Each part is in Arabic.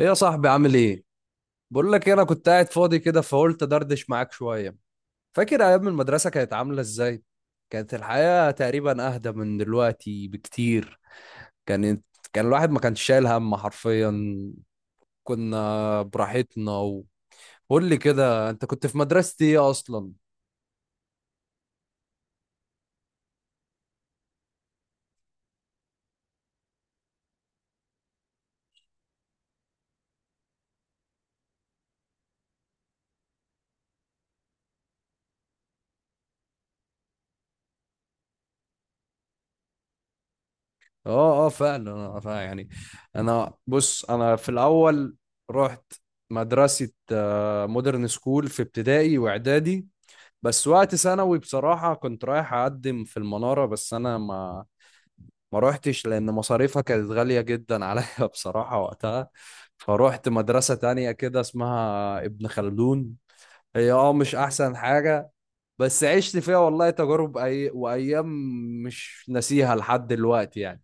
ايه يا صاحبي، عامل ايه؟ بقول لك إيه، انا كنت قاعد فاضي كده فقلت دردش معاك شويه. فاكر ايام المدرسه كانت عامله ازاي؟ كانت الحياه تقريبا اهدى من دلوقتي بكتير. كانت كان الواحد ما كانش شايل هم حرفيا، كنا براحتنا و... قول لي كده، انت كنت في مدرسة ايه اصلا؟ اه، اه، فعلا، فعلا يعني. انا بص، انا في الاول رحت مدرسة مودرن سكول في ابتدائي واعدادي، بس وقت ثانوي بصراحة كنت رايح أقدم في المنارة، بس أنا ما روحتش لأن مصاريفها كانت غالية جدا عليا بصراحة وقتها. فروحت مدرسة تانية كده اسمها ابن خلدون. هي مش أحسن حاجة، بس عشت فيها والله تجارب وأيام مش ناسيها لحد دلوقتي يعني.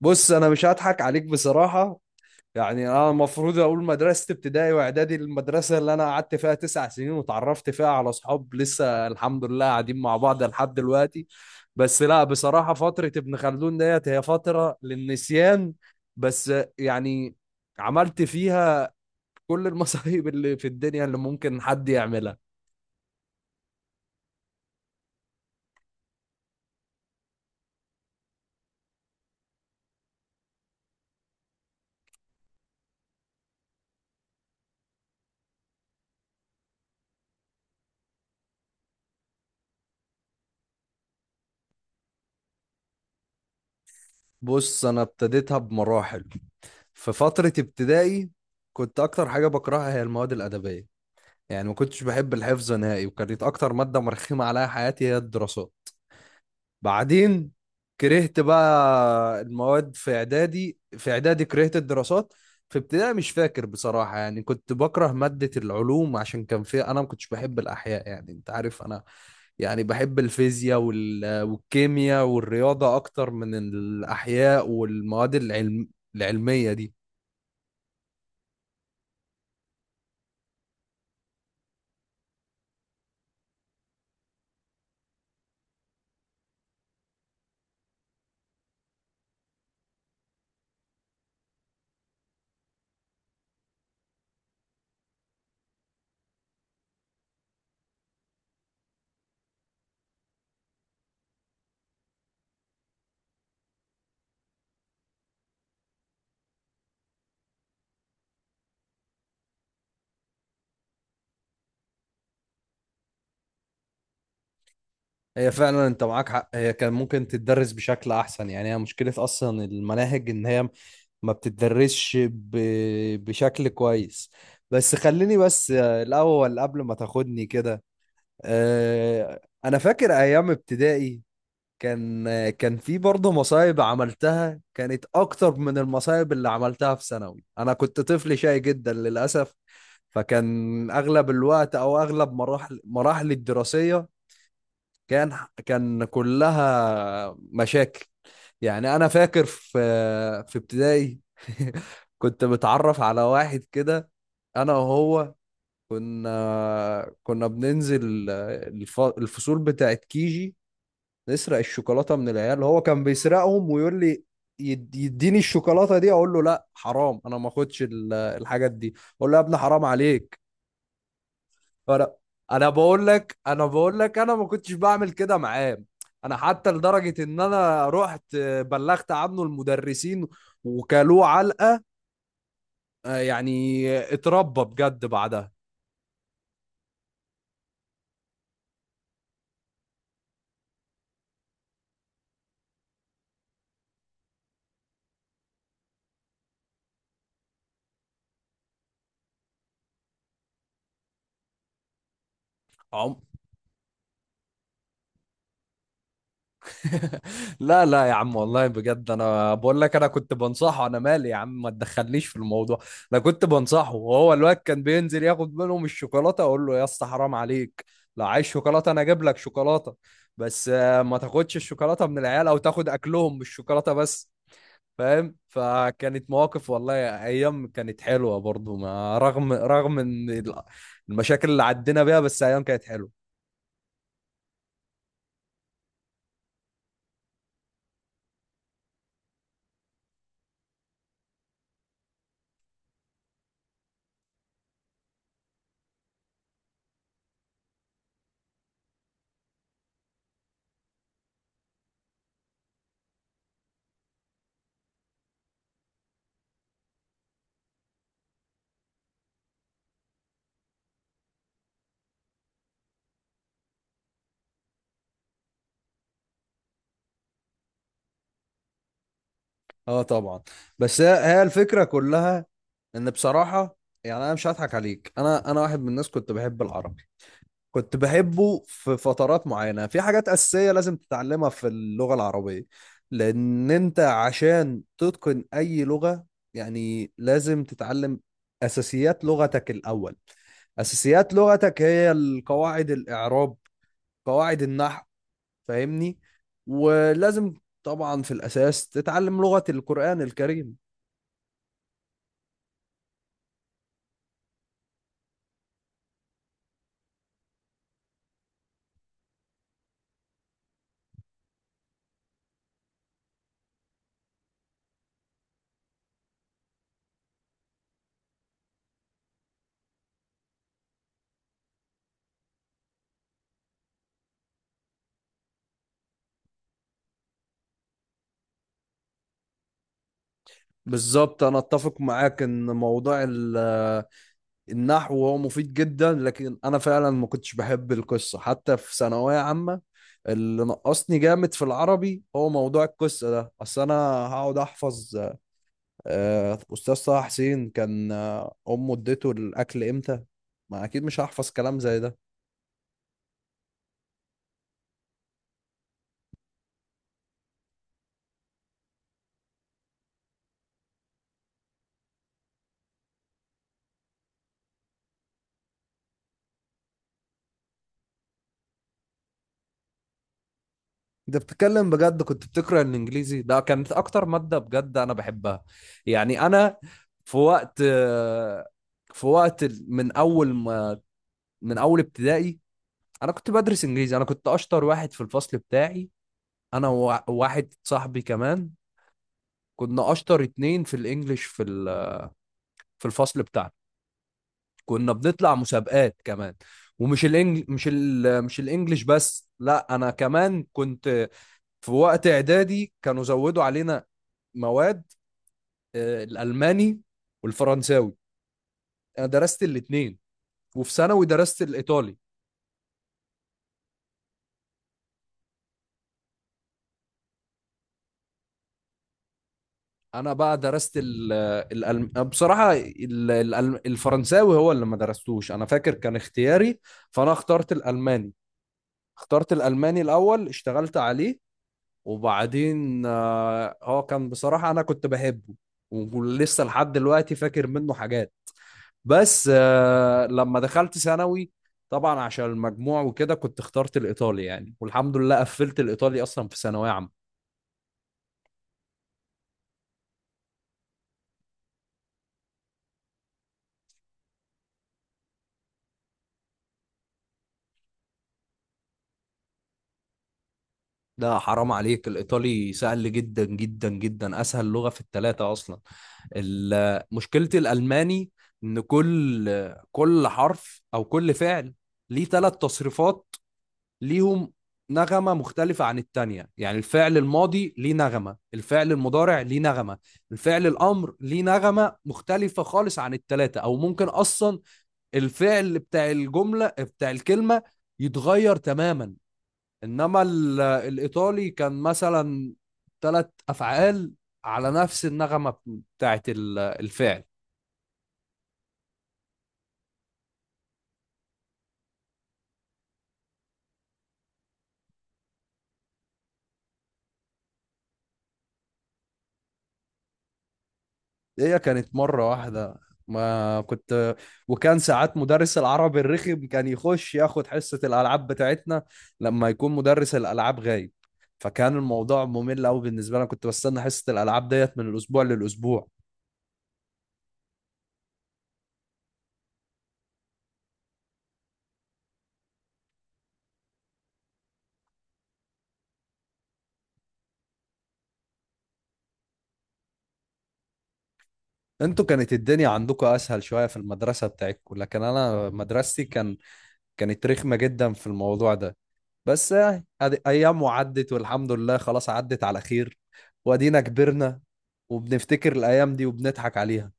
بص، أنا مش هضحك عليك بصراحة، يعني انا المفروض اقول مدرسه ابتدائي واعدادي، المدرسه اللي انا قعدت فيها 9 سنين وتعرفت فيها على اصحاب لسه الحمد لله قاعدين مع بعض لحد دلوقتي. بس لا، بصراحه فتره ابن خلدون ديت هي فتره للنسيان، بس يعني عملت فيها كل المصايب اللي في الدنيا اللي ممكن حد يعملها. بص انا ابتديتها بمراحل. في فتره ابتدائي، كنت اكتر حاجه بكرهها هي المواد الادبيه، يعني ما كنتش بحب الحفظ نهائي، وكانت اكتر ماده مرخمه عليا حياتي هي الدراسات. بعدين كرهت بقى المواد في اعدادي، في اعدادي كرهت الدراسات. في ابتدائي مش فاكر بصراحه، يعني كنت بكره ماده العلوم عشان كان فيها، انا ما كنتش بحب الاحياء، يعني انت عارف انا يعني بحب الفيزياء والكيمياء والرياضه اكتر من الاحياء والمواد العلميه دي. هي فعلا انت معاك حق، هي كان ممكن تتدرس بشكل احسن، يعني هي مشكلة اصلا المناهج ان هي ما بتتدرسش بشكل كويس. بس خليني بس آه، الاول قبل ما تاخدني كده. انا فاكر ايام ابتدائي، كان في برضه مصايب عملتها، كانت اكتر من المصايب اللي عملتها في ثانوي. انا كنت طفل شقي جدا للاسف. فكان اغلب الوقت او اغلب مراحلي الدراسية كان كان كلها مشاكل. يعني انا فاكر في ابتدائي كنت متعرف على واحد كده، انا وهو كنا بننزل الفصول بتاعت كيجي، نسرق الشوكولاتة من العيال. هو كان بيسرقهم ويقول لي يديني الشوكولاتة دي. اقول له لا حرام، انا ما اخدش الحاجات دي، اقول له يا ابني حرام عليك. فانا انا بقول لك انا بقول لك انا ما كنتش بعمل كده معاه. انا حتى لدرجه ان انا رحت بلغت عنه المدرسين وكلوه علقه، يعني اتربى بجد بعدها. عم- لا لا يا عم والله بجد، انا بقول لك انا كنت بنصحه، انا مالي يا عم؟ ما تدخلنيش في الموضوع. انا كنت بنصحه، وهو الواد كان بينزل ياخد منهم الشوكولاته، اقول له يا اسطى حرام عليك، لو عايز شوكولاته انا اجيب لك شوكولاته، بس ما تاخدش الشوكولاته من العيال او تاخد اكلهم بالشوكولاته بس، فاهم؟ فكانت مواقف والله، ايام كانت حلوه برضو، ما رغم ان المشاكل اللي عدينا بيها، بس ايام كانت حلوه. اه طبعا. بس هي الفكره كلها ان بصراحه، يعني انا مش هضحك عليك، انا واحد من الناس كنت بحب العربي، كنت بحبه في فترات معينه. في حاجات اساسيه لازم تتعلمها في اللغه العربيه، لان انت عشان تتقن اي لغه يعني لازم تتعلم اساسيات لغتك الاول. اساسيات لغتك هي القواعد، الاعراب، قواعد النحو، فاهمني؟ ولازم طبعا في الاساس تتعلم لغة القرآن الكريم. بالظبط، انا اتفق معاك ان موضوع النحو هو مفيد جدا، لكن انا فعلا ما كنتش بحب القصه حتى في ثانويه عامه. اللي نقصني جامد في العربي هو موضوع القصه ده. اصل انا هقعد احفظ استاذ طه حسين كان امه اديته الاكل امتى؟ ما اكيد مش هحفظ كلام زي ده. انت بتتكلم بجد؟ كنت بتقرا الانجليزي ده كانت اكتر ماده بجد انا بحبها، يعني انا في وقت آه، في وقت ال- من اول ما من اول ابتدائي انا كنت بدرس انجليزي، انا كنت اشطر واحد في الفصل بتاعي، انا وواحد صاحبي كمان، كنا اشطر اتنين في الانجليش في الفصل بتاعنا، كنا بنطلع مسابقات كمان. ومش الانجل مش ال مش الانجليش بس، لا انا كمان كنت في وقت اعدادي كانوا زودوا علينا مواد الالماني والفرنساوي، انا درست الاتنين، وفي ثانوي درست الايطالي. انا بقى درست بصراحه الفرنساوي هو اللي ما درستوش، انا فاكر كان اختياري، فانا اخترت الالماني الاول، اشتغلت عليه، وبعدين هو كان بصراحه انا كنت بحبه، ولسه لحد دلوقتي فاكر منه حاجات، بس لما دخلت ثانوي طبعا عشان المجموع وكده كنت اخترت الايطالي يعني، والحمد لله قفلت الايطالي اصلا في ثانويه عامه. لا حرام عليك، الإيطالي سهل جدا جدا جدا، أسهل لغة في الثلاثة أصلا. مشكلة الألماني إن كل حرف أو كل فعل ليه ثلاث تصريفات، ليهم نغمة مختلفة عن التانية، يعني الفعل الماضي ليه نغمة، الفعل المضارع ليه نغمة، الفعل الأمر ليه نغمة مختلفة خالص عن التلاتة، أو ممكن أصلا الفعل بتاع الجملة بتاع الكلمة يتغير تماما. انما الايطالي كان مثلا ثلاث افعال على نفس النغمه بتاعت الفعل. هي كانت مره واحده، ما كنت وكان ساعات مدرس العربي الرخم كان يخش ياخد حصه الالعاب بتاعتنا لما يكون مدرس الالعاب غايب، فكان الموضوع ممل قوي بالنسبه لي، كنت بستنى حصه الالعاب ديت من الاسبوع للاسبوع. انتوا كانت الدنيا عندكم اسهل شويه في المدرسه بتاعتكم، لكن انا مدرستي كانت رخمه جدا في الموضوع ده. بس يعني ايام وعدت والحمد لله، خلاص عدت على خير، وادينا كبرنا وبنفتكر الايام دي وبنضحك عليها.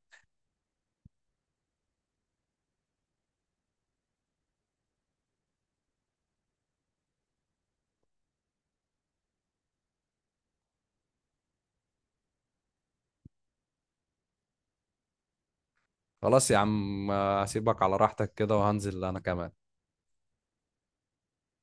خلاص يا عم، هسيبك على راحتك كده وهنزل انا كمان.